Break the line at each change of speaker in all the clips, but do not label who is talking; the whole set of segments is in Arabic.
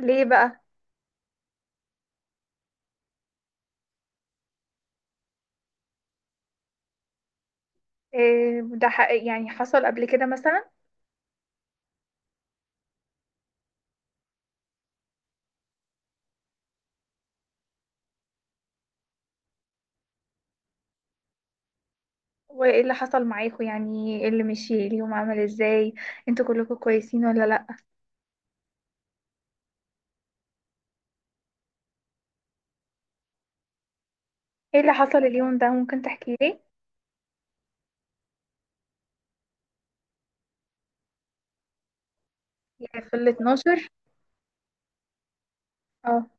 ليه بقى؟ إيه ده، حقيقي يعني حصل قبل كده مثلا؟ وايه اللي حصل معاكوا؟ يعني ايه اللي مشي اليوم؟ عمل ازاي؟ انتوا كلكم كويسين ولا لا؟ ايه اللي حصل اليوم ده؟ ممكن تحكي لي؟ يعني في ال 12؟ اه.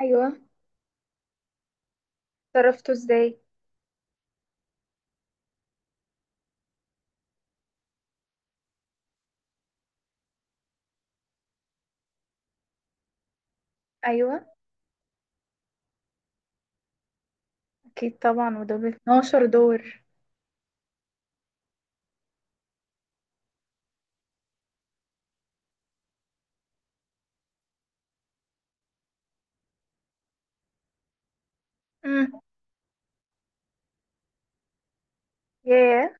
ايوه. تصرفتوا ازاي؟ ايوه اكيد طبعا، ودول 12 دور. امم. ياه.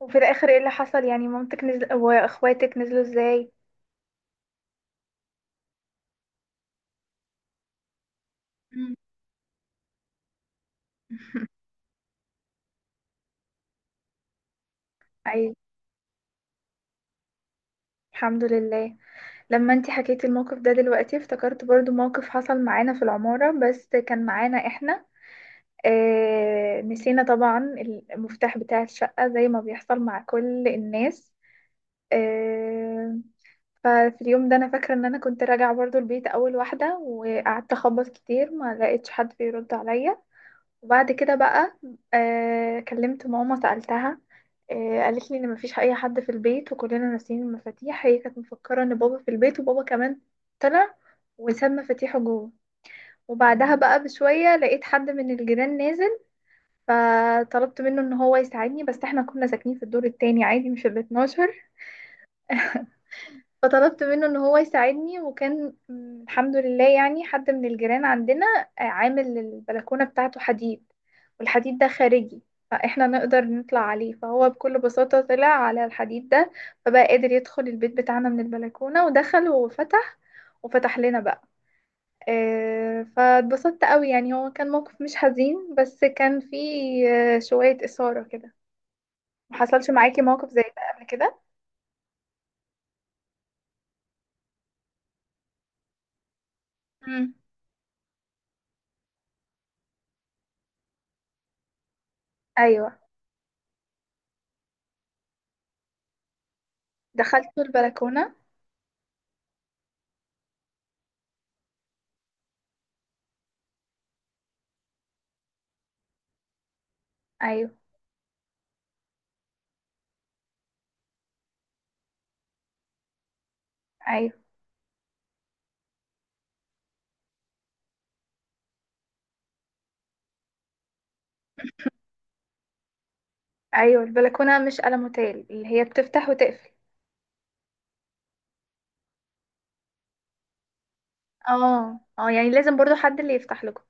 وفي الاخر ايه اللي حصل؟ يعني مامتك نزل واخواتك نزلوا ازاي؟ مم. ايوه الحمد لله. لما انتي حكيتي الموقف ده دلوقتي افتكرت برضو موقف حصل معانا في العمارة، بس كان معانا احنا. اه نسينا طبعا المفتاح بتاع الشقة زي ما بيحصل مع كل الناس. اه ففي اليوم ده انا فاكرة ان انا كنت راجعة برضو البيت اول واحدة، وقعدت اخبط كتير، ما لقيتش حد بيرد عليا. وبعد كده بقى كلمت ماما سألتها. قالت لي ان مفيش اي حد في البيت، وكلنا ناسيين المفاتيح. هي كانت مفكرة ان بابا في البيت، وبابا كمان طلع وساب مفاتيحه جوه. وبعدها بقى بشوية لقيت حد من الجيران نازل، فطلبت منه ان هو يساعدني، بس احنا كنا ساكنين في الدور التاني عادي، مش ال 12. فطلبت منه ان هو يساعدني، وكان الحمد لله يعني حد من الجيران عندنا عامل البلكونة بتاعته حديد، والحديد ده خارجي، فاحنا نقدر نطلع عليه. فهو بكل بساطة طلع على الحديد ده، فبقى قادر يدخل البيت بتاعنا من البلكونة ودخل وفتح. وفتح لنا بقى. فاتبسطت قوي، يعني هو كان موقف مش حزين بس كان فيه شوية إثارة كده. محصلش معاكي موقف زي ده قبل كده؟ مم. أيوة. دخلت البلكونة؟ أيوة. ايوه، ايوه. البلكونه مش قلم هوتيل اللي هي بتفتح وتقفل؟ اه، اه، يعني لازم برضو حد اللي يفتح لكم.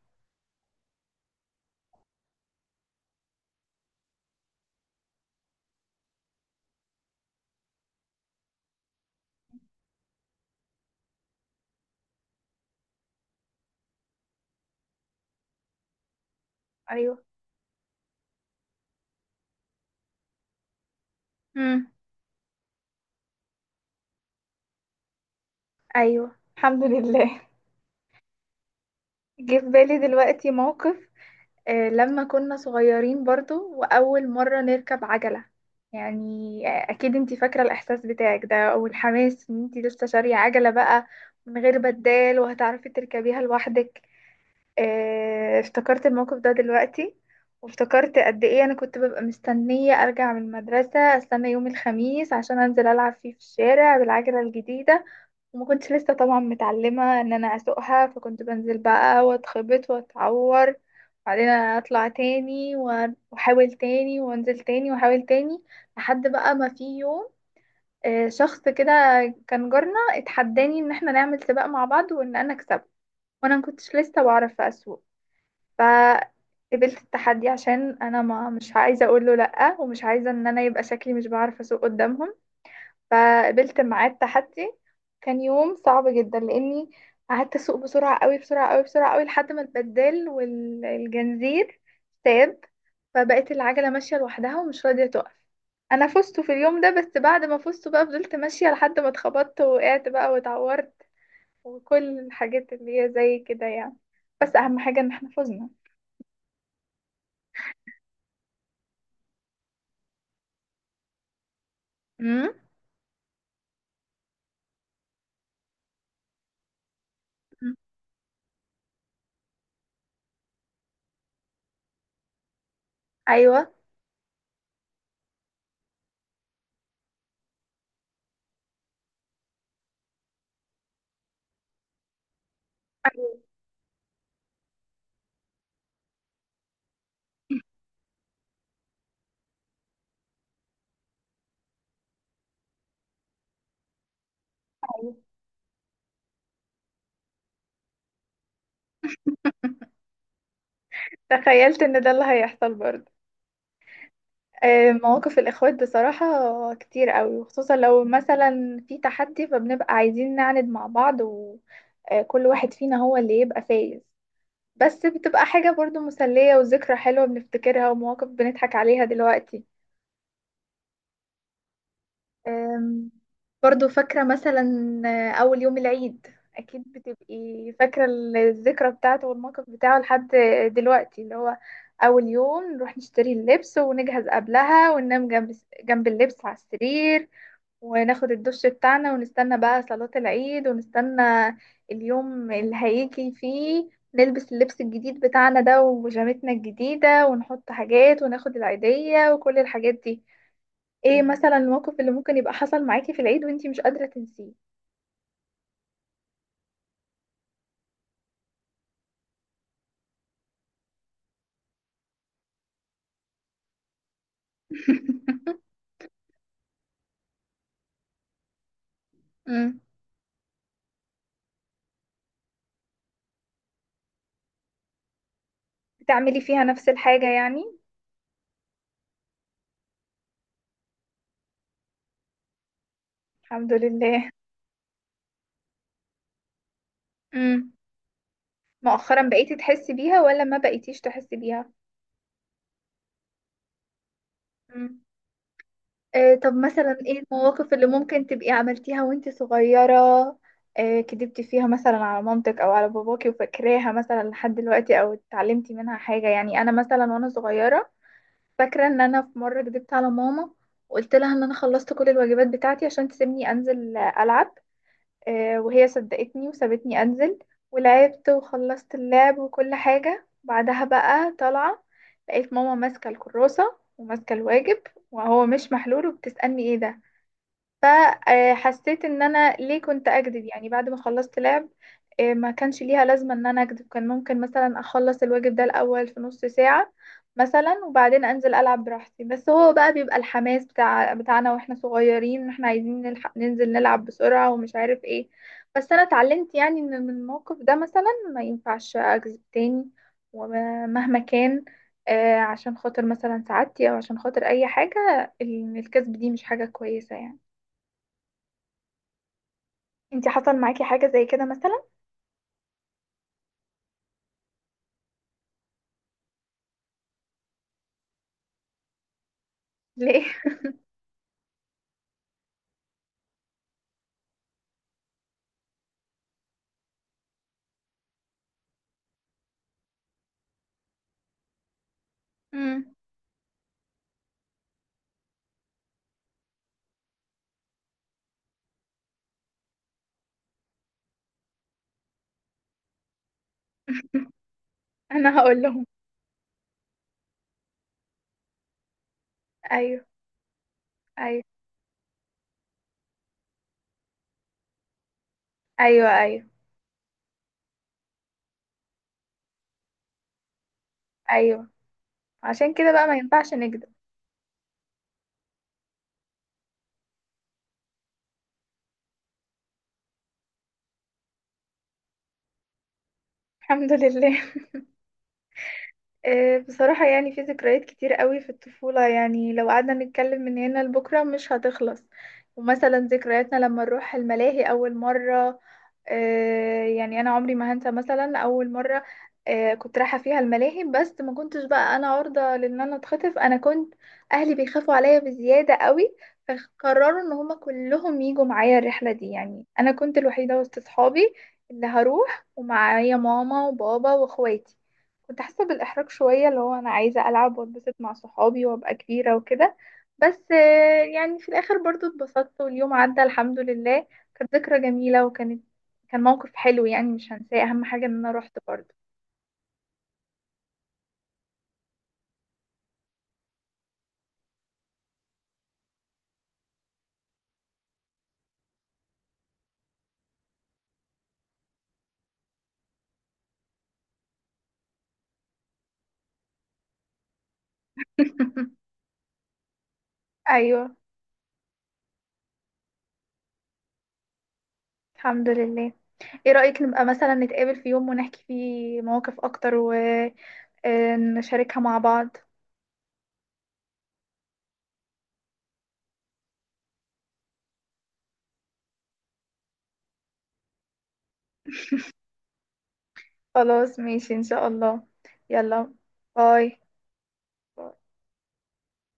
ايوه. امم. ايوه الحمد لله. جه في بالي دلوقتي موقف لما كنا صغيرين، برضو واول مره نركب عجله، يعني اكيد انتي فاكره الاحساس بتاعك ده والحماس ان انتي لسه شاريه عجله بقى من غير بدال، وهتعرفي تركبيها لوحدك. افتكرت الموقف ده دلوقتي، وافتكرت قد ايه انا كنت ببقى مستنية ارجع من المدرسة، استنى يوم الخميس عشان انزل العب فيه في الشارع بالعجلة الجديدة. وما كنتش لسه طبعا متعلمة ان انا اسوقها، فكنت بنزل بقى واتخبط واتعور. وبعدين اطلع تاني واحاول تاني، وانزل تاني واحاول تاني، لحد بقى ما في يوم شخص كده كان جارنا اتحداني ان احنا نعمل سباق مع بعض وان انا اكسبه. وانا ما كنتش لسه بعرف اسوق، فقبلت التحدي عشان انا ما مش عايزه اقول له لا، ومش عايزه ان انا يبقى شكلي مش بعرف اسوق قدامهم. فقبلت معاه التحدي. كان يوم صعب جدا، لاني قعدت اسوق بسرعه قوي بسرعه قوي بسرعه قوي لحد ما البدال والجنزير ساب. فبقت العجله ماشيه لوحدها ومش راضيه تقف. انا فزت في اليوم ده، بس بعد ما فزت بقى فضلت ماشيه لحد ما اتخبطت ووقعت بقى واتعورت، وكل الحاجات اللي هي زي كده يعني. بس اهم حاجه ان احنا فزنا. ايوه. أيوة. تخيلت ان ده اللي هيحصل برضه. مواقف الاخوات بصراحة كتير قوي، وخصوصا لو مثلا في تحدي، فبنبقى عايزين نعند مع بعض، وكل واحد فينا هو اللي يبقى فايز. بس بتبقى حاجة برضه مسلية وذكرى حلوة بنفتكرها، ومواقف بنضحك عليها دلوقتي. أم، برضو فاكرة مثلا أول يوم العيد. أكيد بتبقي فاكرة الذكرى بتاعته والموقف بتاعه لحد دلوقتي، اللي هو أول يوم نروح نشتري اللبس ونجهز قبلها وننام جنب جنب اللبس على السرير، وناخد الدش بتاعنا، ونستنى بقى صلاة العيد، ونستنى اليوم اللي هيجي فيه نلبس اللبس الجديد بتاعنا ده وبيجامتنا الجديدة ونحط حاجات وناخد العيدية وكل الحاجات دي. ايه مثلا الموقف اللي ممكن يبقى حصل معاكي في العيد وانتي مش قادرة تنسيه؟ امم. بتعملي فيها نفس الحاجة يعني؟ الحمد لله. امم. مؤخرا بقيتي تحسي بيها ولا ما بقيتيش تحسي بيها؟ أمم. آه طب مثلا ايه المواقف اللي ممكن تبقي عملتيها وانتي صغيرة؟ كدبتي فيها مثلا على مامتك او على باباكي، وفاكراها مثلا لحد دلوقتي، او اتعلمتي منها حاجة؟ يعني انا مثلا وانا صغيرة فاكرة ان انا في مرة كدبت على ماما، وقلت لها ان انا خلصت كل الواجبات بتاعتي عشان تسيبني انزل العب. وهي صدقتني وسابتني انزل. ولعبت وخلصت اللعب وكل حاجة، بعدها بقى طالعة لقيت ماما ماسكة الكراسة وماسكة الواجب وهو مش محلول، وبتسألني ايه ده. فحسيت ان انا ليه كنت اكذب يعني، بعد ما خلصت لعب ما كانش ليها لازمة ان انا اكذب. كان ممكن مثلا اخلص الواجب ده الاول في نص ساعة مثلا، وبعدين انزل العب براحتي. بس هو بقى بيبقى الحماس بتاعنا واحنا صغيرين، واحنا عايزين نلحق ننزل نلعب بسرعة ومش عارف ايه. بس انا اتعلمت يعني ان من الموقف ده مثلا ما ينفعش اكذب تاني، ومهما كان عشان خاطر مثلا سعادتي او عشان خاطر اي حاجة الكذب دي مش حاجة كويسة يعني. انتي حصل معاكي حاجة زي كده مثلا؟ ليه؟ مم. انا هقول لهم. ايوه، ايوه، ايوه، ايوه، ايوه. عشان كده بقى ما ينفعش نكذب. الحمد لله. بصراحة يعني في ذكريات كتير قوي في الطفولة، يعني لو قعدنا نتكلم من هنا لبكرة مش هتخلص. ومثلا ذكرياتنا لما نروح الملاهي أول مرة يعني أنا عمري ما هنسى مثلا أول مرة كنت رايحة فيها الملاهي. بس ما كنتش بقى، أنا عرضة لأن أنا اتخطف. أنا كنت أهلي بيخافوا عليا بزيادة قوي، فقرروا إن هما كلهم يجوا معايا الرحلة دي. يعني أنا كنت الوحيدة وسط صحابي اللي هروح، ومعايا ماما وبابا واخواتي. كنت حاسة بالإحراج شوية اللي هو أنا عايزة ألعب واتبسط مع صحابي وأبقى كبيرة وكده. بس يعني في الآخر برضو اتبسطت واليوم عدى الحمد لله. كانت ذكرى جميلة، وكانت كان موقف حلو يعني مش هنساه. أهم حاجة إن أنا روحت برضو. أيوة الحمد لله. إيه رأيك نبقى مثلا نتقابل في يوم ونحكي فيه مواقف أكتر، ونشاركها مع بعض؟ خلاص ماشي إن شاء الله. يلا. باي.